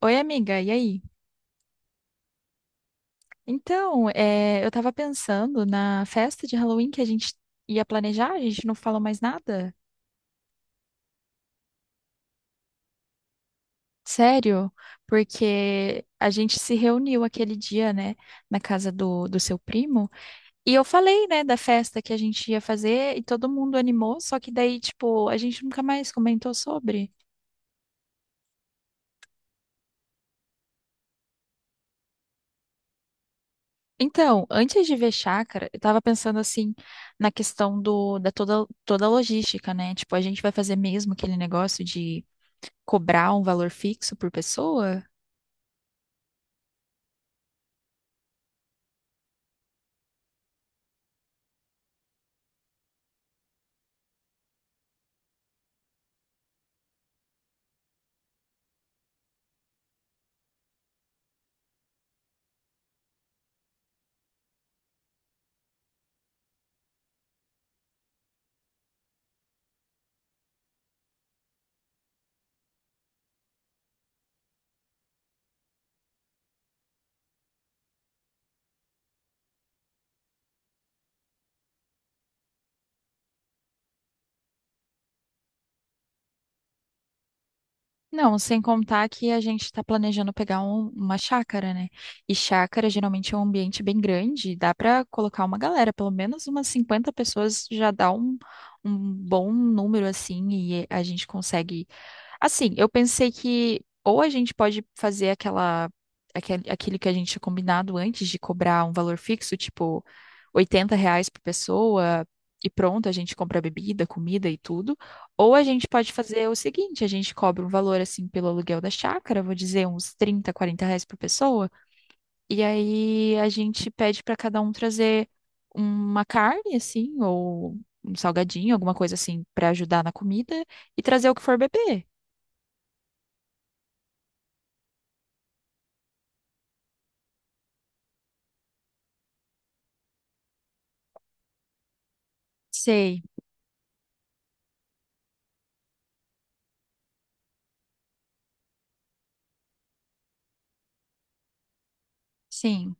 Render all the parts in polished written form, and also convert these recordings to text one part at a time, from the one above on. Oi, amiga, e aí? Eu tava pensando na festa de Halloween que a gente ia planejar, a gente não falou mais nada. Sério? Porque a gente se reuniu aquele dia, né, na casa do seu primo, e eu falei, né, da festa que a gente ia fazer e todo mundo animou, só que daí, tipo, a gente nunca mais comentou sobre. Então, antes de ver chácara, eu tava pensando assim na questão da toda a logística, né? Tipo, a gente vai fazer mesmo aquele negócio de cobrar um valor fixo por pessoa? Não, sem contar que a gente está planejando pegar uma chácara, né? E chácara geralmente é um ambiente bem grande, dá para colocar uma galera, pelo menos umas 50 pessoas já dá um bom número assim, e a gente consegue. Assim, eu pensei que ou a gente pode fazer aquele que a gente tinha combinado antes de cobrar um valor fixo, tipo 80 reais por pessoa, e pronto, a gente compra bebida, comida e tudo. Ou a gente pode fazer o seguinte, a gente cobra um valor assim pelo aluguel da chácara, vou dizer uns 30 40 reais por pessoa, e aí a gente pede para cada um trazer uma carne, assim, ou um salgadinho, alguma coisa assim, para ajudar na comida, e trazer o que for beber. Sei. Sim,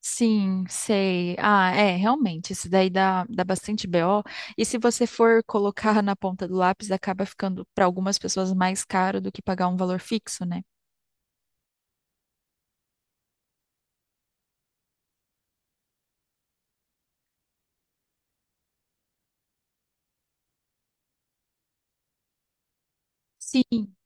sim, sei. Ah, é, realmente, isso daí dá bastante BO. E se você for colocar na ponta do lápis, acaba ficando para algumas pessoas mais caro do que pagar um valor fixo, né? Sim.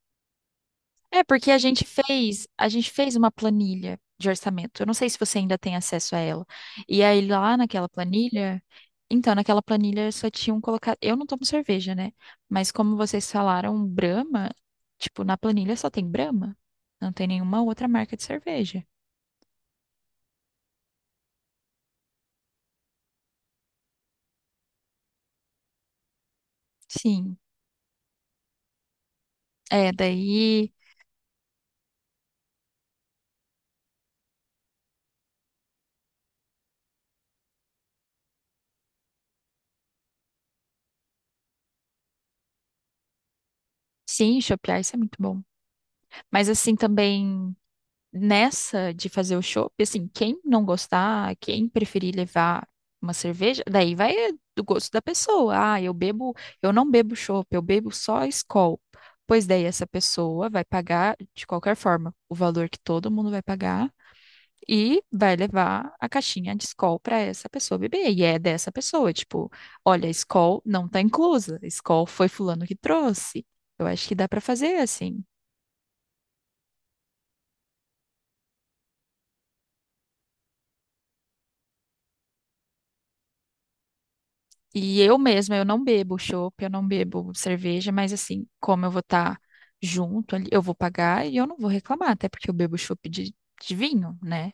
É porque a gente fez uma planilha de orçamento. Eu não sei se você ainda tem acesso a ela. E aí lá naquela planilha, então naquela planilha só tinham colocado, eu não tomo cerveja, né? Mas como vocês falaram Brahma, tipo, na planilha só tem Brahma, não tem nenhuma outra marca de cerveja. Sim. É, daí, sim, chopear, isso é muito bom. Mas assim também nessa de fazer o chopp, assim, quem não gostar, quem preferir levar uma cerveja, daí vai do gosto da pessoa. Eu não bebo chopp, eu bebo só Skol. Pois daí essa pessoa vai pagar de qualquer forma o valor que todo mundo vai pagar e vai levar a caixinha de Skol para essa pessoa beber. E é dessa pessoa, tipo, olha, Skol não tá inclusa, Skol foi fulano que trouxe. Eu acho que dá para fazer assim. E eu mesma, eu não bebo chopp, eu não bebo cerveja, mas assim, como eu vou estar junto ali, eu vou pagar e eu não vou reclamar, até porque eu bebo chopp de vinho, né?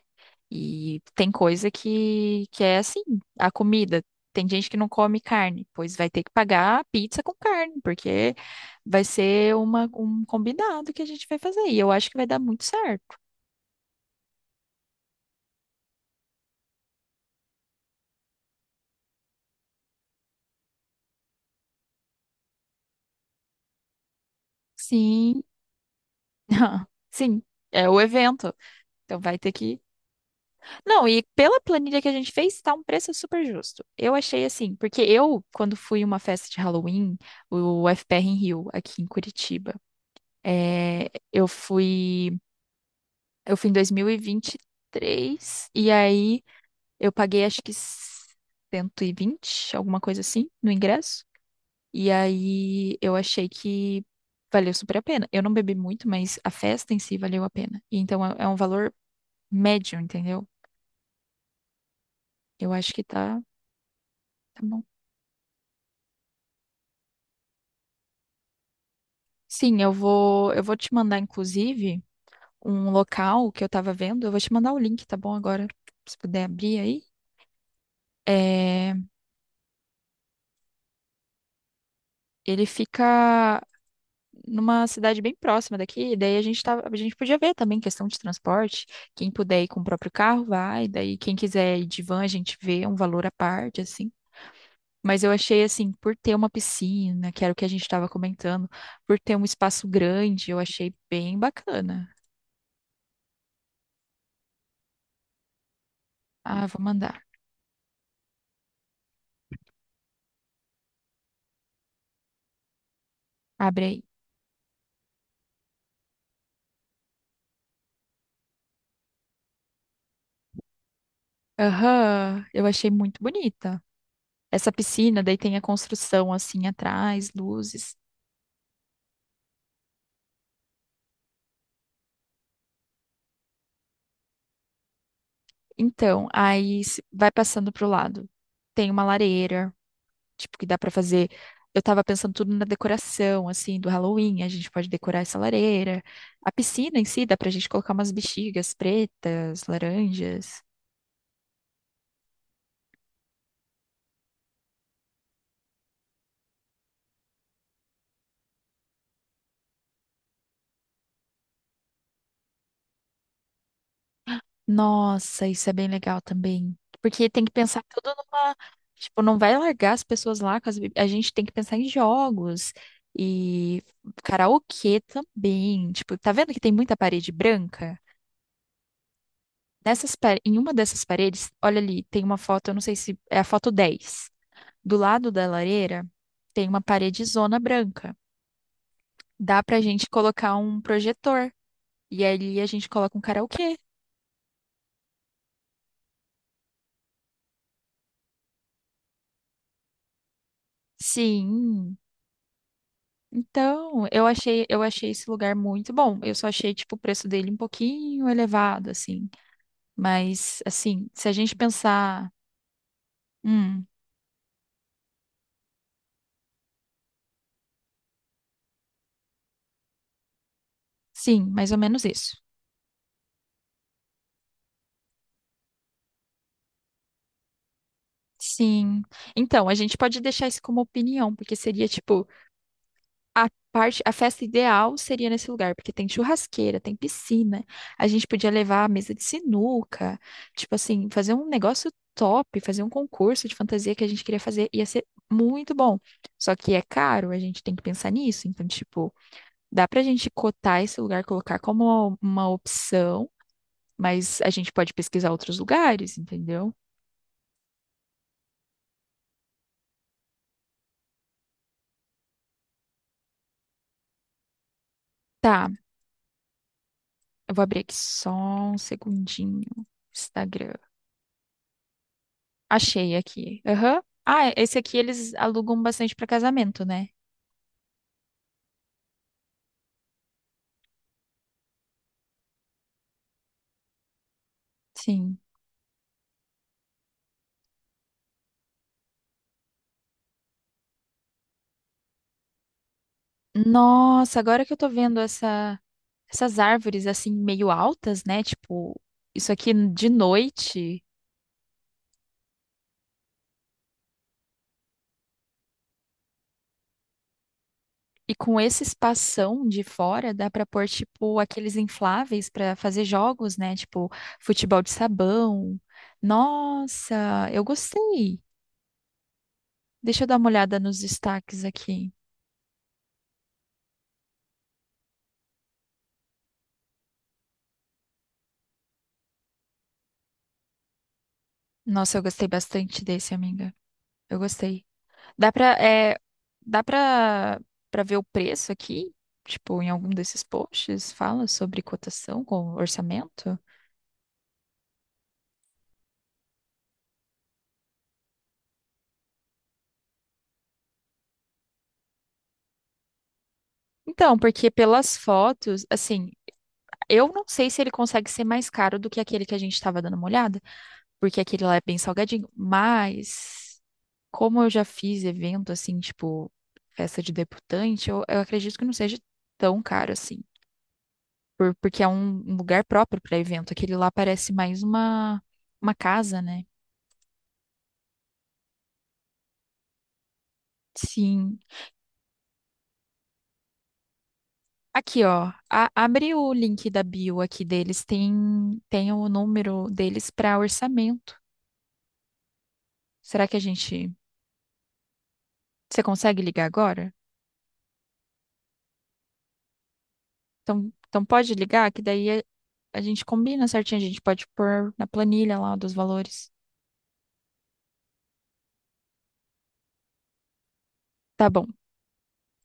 E tem coisa que é assim, a comida. Tem gente que não come carne, pois vai ter que pagar a pizza com carne, porque vai ser um combinado que a gente vai fazer. E eu acho que vai dar muito certo. Sim, sim, é o evento. Então vai ter que. Não, e pela planilha que a gente fez, tá um preço super justo. Eu achei assim, porque eu, quando fui uma festa de Halloween, o FPR em Rio, aqui em Curitiba, é, eu fui, eu fui em 2023, e 23, e aí eu paguei acho que 120, alguma coisa assim, no ingresso. E aí eu achei que valeu super a pena. Eu não bebi muito, mas a festa em si valeu a pena. E então é um valor médio, entendeu? Eu acho que tá, tá bom. Sim, eu vou te mandar, inclusive, um local que eu tava vendo. Eu vou te mandar o link, tá bom? Agora, se puder abrir aí. É, ele fica numa cidade bem próxima daqui. E daí a gente podia ver também questão de transporte. Quem puder ir com o próprio carro, vai. Daí quem quiser ir de van, a gente vê um valor à parte, assim. Mas eu achei assim, por ter uma piscina, que era o que a gente estava comentando, por ter um espaço grande, eu achei bem bacana. Ah, vou mandar. Abre aí. Aham, eu achei muito bonita. Essa piscina, daí tem a construção assim atrás, luzes. Então, aí vai passando pro lado. Tem uma lareira, tipo, que dá pra fazer. Eu tava pensando tudo na decoração, assim, do Halloween. A gente pode decorar essa lareira. A piscina em si, dá pra gente colocar umas bexigas pretas, laranjas. Nossa, isso é bem legal também. Porque tem que pensar tudo numa. Tipo, não vai largar as pessoas lá com as a gente tem que pensar em jogos e karaokê também. Tipo, tá vendo que tem muita parede branca? Nessas, em uma dessas paredes, olha ali, tem uma foto, eu não sei se é a foto 10. Do lado da lareira tem uma parede zona branca. Dá pra gente colocar um projetor. E ali a gente coloca um karaokê. Sim. Então, eu achei esse lugar muito bom. Eu só achei, tipo, o preço dele um pouquinho elevado, assim. Mas, assim, se a gente pensar, hum, sim, mais ou menos isso. Sim. Então, a gente pode deixar isso como opinião, porque seria, tipo, a parte, a festa ideal seria nesse lugar, porque tem churrasqueira, tem piscina. A gente podia levar a mesa de sinuca, tipo assim, fazer um negócio top, fazer um concurso de fantasia que a gente queria fazer, ia ser muito bom. Só que é caro, a gente tem que pensar nisso. Então, tipo, dá pra gente cotar esse lugar, colocar como uma opção, mas a gente pode pesquisar outros lugares, entendeu? Tá, eu vou abrir aqui só um segundinho. Instagram. Achei aqui. Aham. Ah, esse aqui eles alugam bastante para casamento, né? Sim. Nossa, agora que eu tô vendo essa, essas árvores assim meio altas, né? Tipo, isso aqui de noite e com esse espação de fora dá pra pôr tipo aqueles infláveis pra fazer jogos, né? Tipo, futebol de sabão. Nossa, eu gostei. Deixa eu dar uma olhada nos destaques aqui. Nossa, eu gostei bastante desse, amiga. Eu gostei. Dá pra, é, dá pra ver o preço aqui? Tipo, em algum desses posts fala sobre cotação com orçamento? Então, porque pelas fotos, assim, eu não sei se ele consegue ser mais caro do que aquele que a gente estava dando uma olhada, porque aquele lá é bem salgadinho, mas como eu já fiz evento assim, tipo, festa de debutante, eu acredito que não seja tão caro assim, porque é um lugar próprio para evento. Aquele lá parece mais uma casa, né? Sim. Aqui, ó. Abre o link da bio aqui deles. Tem o número deles para orçamento. Será que a gente. Você consegue ligar agora? Então, então pode ligar, que daí a gente combina certinho. A gente pode pôr na planilha lá dos valores. Tá bom.